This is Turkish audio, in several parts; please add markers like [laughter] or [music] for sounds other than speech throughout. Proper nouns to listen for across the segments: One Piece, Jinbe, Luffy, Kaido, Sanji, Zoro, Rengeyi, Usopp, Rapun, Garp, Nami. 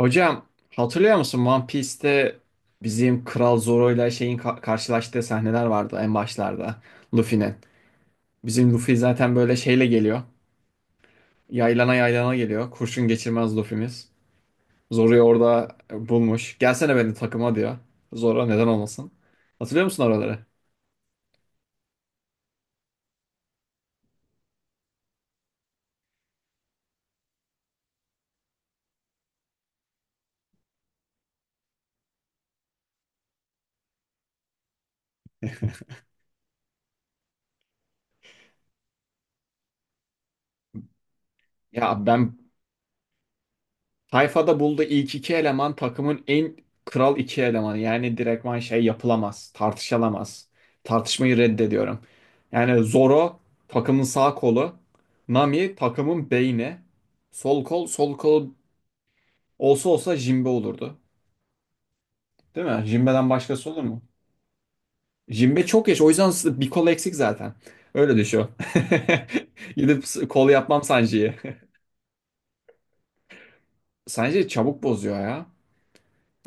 Hocam, hatırlıyor musun One Piece'te bizim Kral Zoro ile şeyin karşılaştığı sahneler vardı en başlarda Luffy'nin. Bizim Luffy zaten böyle şeyle geliyor. Yaylana yaylana geliyor. Kurşun geçirmez Luffy'miz. Zoro'yu orada bulmuş. Gelsene benim takıma diyor. Zoro neden olmasın. Hatırlıyor musun oraları? Ya ben, Tayfa'da bulduğu ilk iki eleman takımın en kral iki elemanı. Yani direktman şey yapılamaz, tartışılamaz. Tartışmayı reddediyorum. Yani Zoro takımın sağ kolu, Nami takımın beyni, sol kol, sol kol olsa olsa Jinbe olurdu. Değil mi? Jinbe'den başkası olur mu? Jinbe çok yaş, o yüzden bir kol eksik zaten. Öyle düşün. [laughs] Gidip kol yapmam Sanji'yi. [laughs] Sanji çabuk bozuyor ya.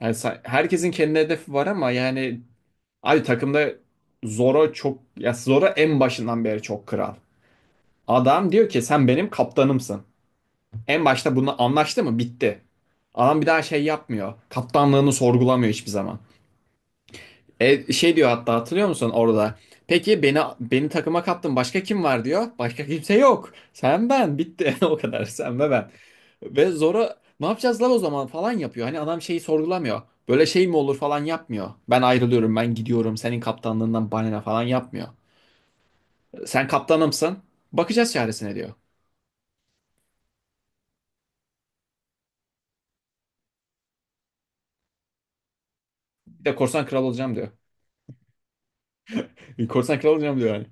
Yani herkesin kendi hedefi var ama yani abi takımda Zoro çok ya, Zoro en başından beri çok kral. Adam diyor ki sen benim kaptanımsın. En başta bunu anlaştı mı? Bitti. Adam bir daha şey yapmıyor. Kaptanlığını sorgulamıyor hiçbir zaman. Şey diyor hatta, hatırlıyor musun orada? Peki beni takıma kattın. Başka kim var diyor. Başka kimse yok. Sen ben bitti. [laughs] O kadar sen ve ben. Ve Zoro ne yapacağız lan o zaman falan yapıyor. Hani adam şeyi sorgulamıyor. Böyle şey mi olur falan yapmıyor. Ben ayrılıyorum, ben gidiyorum. Senin kaptanlığından bana ne falan yapmıyor. Sen kaptanımsın. Bakacağız çaresine diyor. Bir de korsan kral olacağım diyor. [laughs] Korsan kral olacağım diyor yani.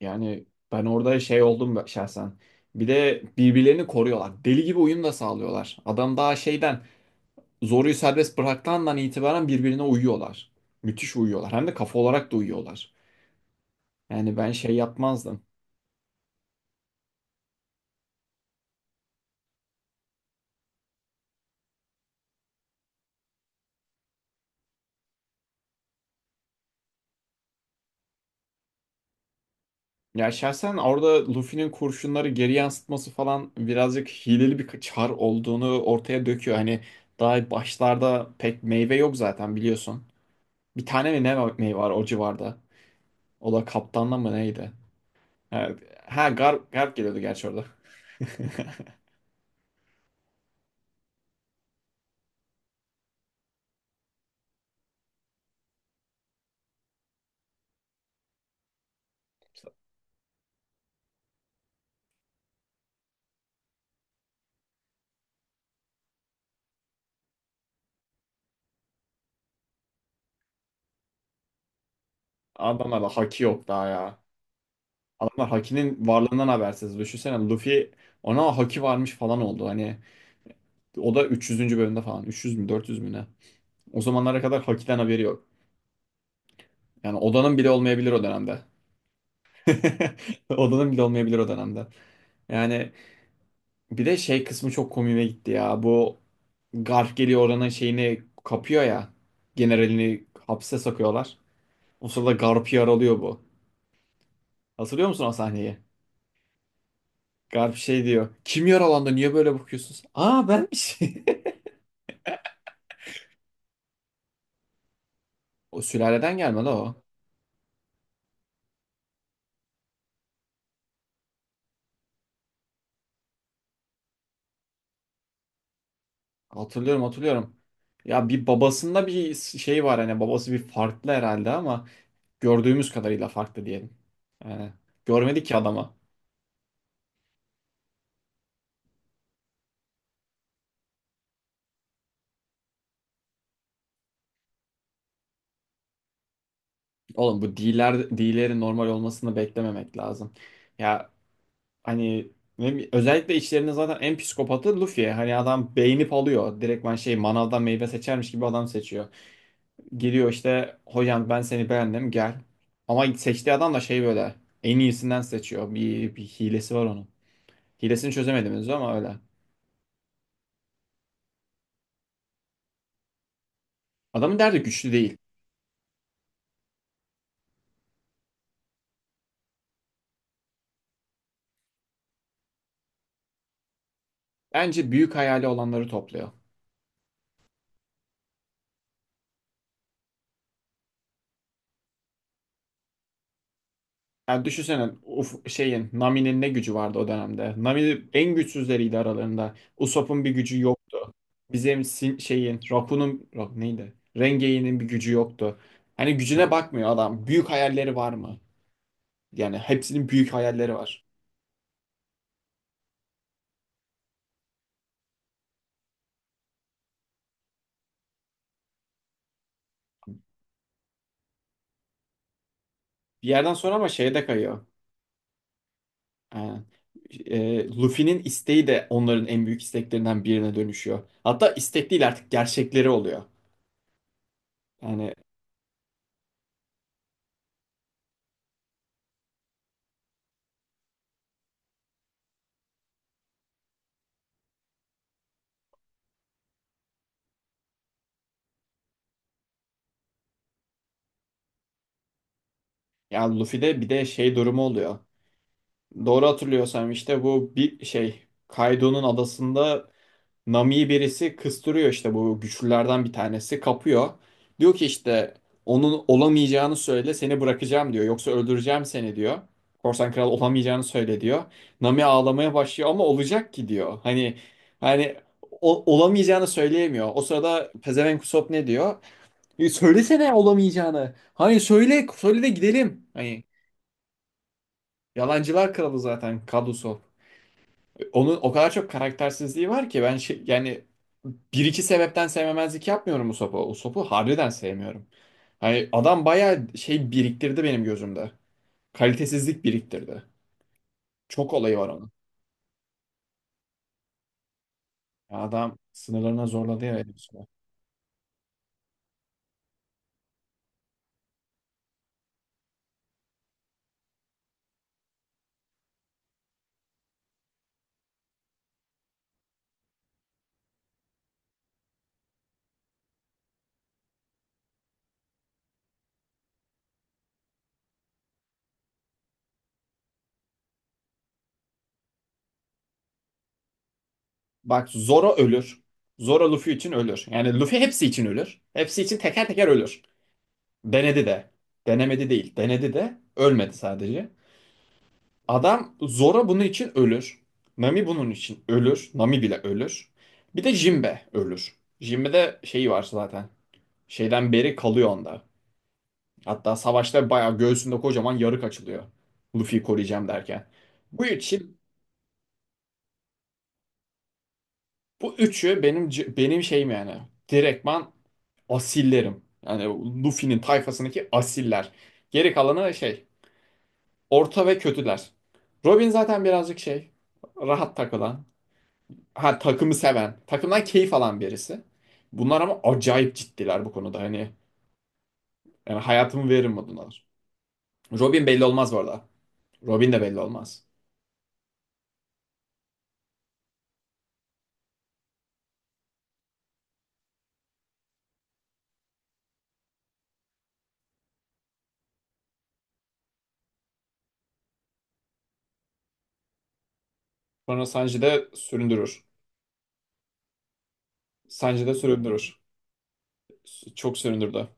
Yani ben orada şey oldum, şahsen. Bir de birbirlerini koruyorlar. Deli gibi uyum da sağlıyorlar. Adam daha şeyden zoruyu serbest bıraktığından itibaren birbirine uyuyorlar. Müthiş uyuyorlar. Hem de kafa olarak da uyuyorlar. Yani ben şey yapmazdım. Ya şahsen orada Luffy'nin kurşunları geri yansıtması falan birazcık hileli bir çar olduğunu ortaya döküyor. Hani daha başlarda pek meyve yok zaten, biliyorsun. Bir tane mi ne örneği var o civarda? O da kaptanla mı neydi? Ha, Garp geliyordu gerçi orada. [laughs] İşte adamlarda haki yok daha ya. Adamlar hakinin varlığından habersiz. Düşünsene Luffy ona haki varmış falan oldu. Hani o da 300. bölümde falan. 300 mü 400 mü ne? O zamanlara kadar hakiden haberi yok. Yani odanın bile olmayabilir o dönemde. [laughs] Odanın bile olmayabilir o dönemde. Yani bir de şey kısmı çok komiğime gitti ya. Bu Garp geliyor oranın şeyini kapıyor ya. Generalini hapse sokuyorlar. O sırada Garp'ı yaralıyor bu. Hatırlıyor musun o sahneyi? Garp şey diyor. Kim yaralandı? Niye böyle bakıyorsunuz? Aa, benmiş. [laughs] O sülaleden gelmedi o. Hatırlıyorum, hatırlıyorum. Ya bir babasında bir şey var, hani babası bir farklı herhalde ama gördüğümüz kadarıyla farklı diyelim. Yani görmedik ki adama. Oğlum bu dealer, dealerin normal olmasını beklememek lazım. Ya, hani ne, özellikle içlerinde zaten en psikopatı Luffy. Hani adam beğenip alıyor. Direktman şey, manavdan meyve seçermiş gibi adam seçiyor. Geliyor işte hocam, ben seni beğendim gel. Ama seçtiği adam da şey, böyle en iyisinden seçiyor. Bir hilesi var onun. Hilesini çözemedim henüz ama öyle. Adamın derdi güçlü değil. Bence büyük hayali olanları topluyor. Yani düşünsene, uf, şeyin Nami'nin ne gücü vardı o dönemde. Nami en güçsüzleriydi aralarında. Usopp'un bir gücü yok. Bizim şeyin Rapun'un neydi? Rengeyi'nin bir gücü yoktu. Hani gücüne bakmıyor adam. Büyük hayalleri var mı? Yani hepsinin büyük hayalleri var. Bir yerden sonra ama şeye de kayıyor. Ee, Luffy'nin isteği de onların en büyük isteklerinden birine dönüşüyor. Hatta istek değil artık gerçekleri oluyor. Yani yani Luffy'de bir de şey durumu oluyor. Doğru hatırlıyorsam işte bu bir şey, Kaido'nun adasında Nami'yi birisi kıstırıyor, işte bu güçlülerden bir tanesi kapıyor. Diyor ki işte onun olamayacağını söyle seni bırakacağım diyor. Yoksa öldüreceğim seni diyor. Korsan kral olamayacağını söyle diyor. Nami ağlamaya başlıyor ama olacak ki diyor. Hani olamayacağını söyleyemiyor. O sırada pezevenk Usopp ne diyor? "E, söylesene olamayacağını. Hani söyle söyle de gidelim." Hani yalancılar kralı zaten Kad Usopp. Onun o kadar çok karaktersizliği var ki ben şey, yani bir iki sebepten sevmemezlik yapmıyorum Usopp'u. Usopp'u harbiden sevmiyorum. Hani adam bayağı şey biriktirdi benim gözümde. Kalitesizlik biriktirdi. Çok olayı var onun. Ya adam sınırlarına zorladı ya beni bir süre. Bak, Zoro ölür. Zoro Luffy için ölür. Yani Luffy hepsi için ölür. Hepsi için teker teker ölür. Denedi de. Denemedi değil. Denedi de. Ölmedi sadece. Adam Zoro bunun için ölür. Nami bunun için ölür. Nami bile ölür. Bir de Jinbe ölür. Jinbe'de şeyi var zaten. Şeyden beri kalıyor onda. Hatta savaşta bayağı göğsünde kocaman yarık açılıyor. Luffy'yi koruyacağım derken. Bu için bu üçü benim şeyim yani. Direktman asillerim. Yani Luffy'nin tayfasındaki asiller. Geri kalanı şey, orta ve kötüler. Robin zaten birazcık şey, rahat takılan. Ha, takımı seven, takımdan keyif alan birisi. Bunlar ama acayip ciddiler bu konuda. Hani yani hayatımı veririm modundalar. Robin belli olmaz bu arada. Robin de belli olmaz. Sonra Sanji de süründürür. Sanji de süründürür. Çok süründürdü.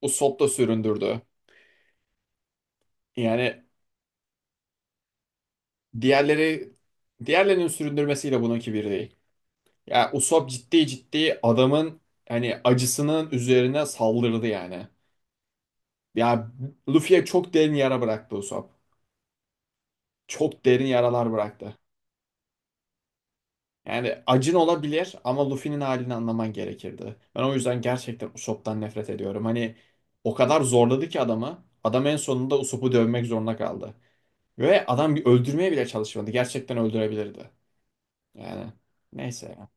Usopp da süründürdü. Yani diğerleri, diğerlerinin süründürmesiyle bununki bir değil. Ya Usopp ciddi ciddi adamın hani acısının üzerine saldırdı yani. Ya, Luffy'ye çok derin yara bıraktı Usopp. Çok derin yaralar bıraktı. Yani acın olabilir ama Luffy'nin halini anlaman gerekirdi. Ben o yüzden gerçekten Usopp'tan nefret ediyorum. Hani o kadar zorladı ki adamı. Adam en sonunda Usopp'u dövmek zorunda kaldı. Ve adam bir öldürmeye bile çalışmadı. Gerçekten öldürebilirdi. Yani neyse ya.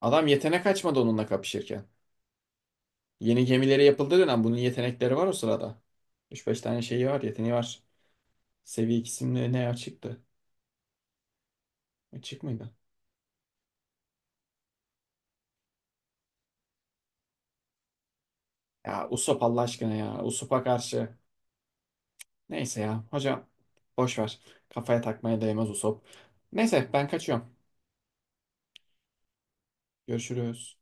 Adam yetenek açmadı onunla kapışırken. Yeni gemileri yapıldığı dönem bunun yetenekleri var o sırada. Üç beş tane şeyi var, yeteneği var. Seviye ikisinde ne açıktı? Açık mıydı? Ya Usopp Allah aşkına ya. Usopp'a karşı. Neyse ya. Hocam boş ver. Kafaya takmaya değmez Usop. Neyse ben kaçıyorum. Görüşürüz.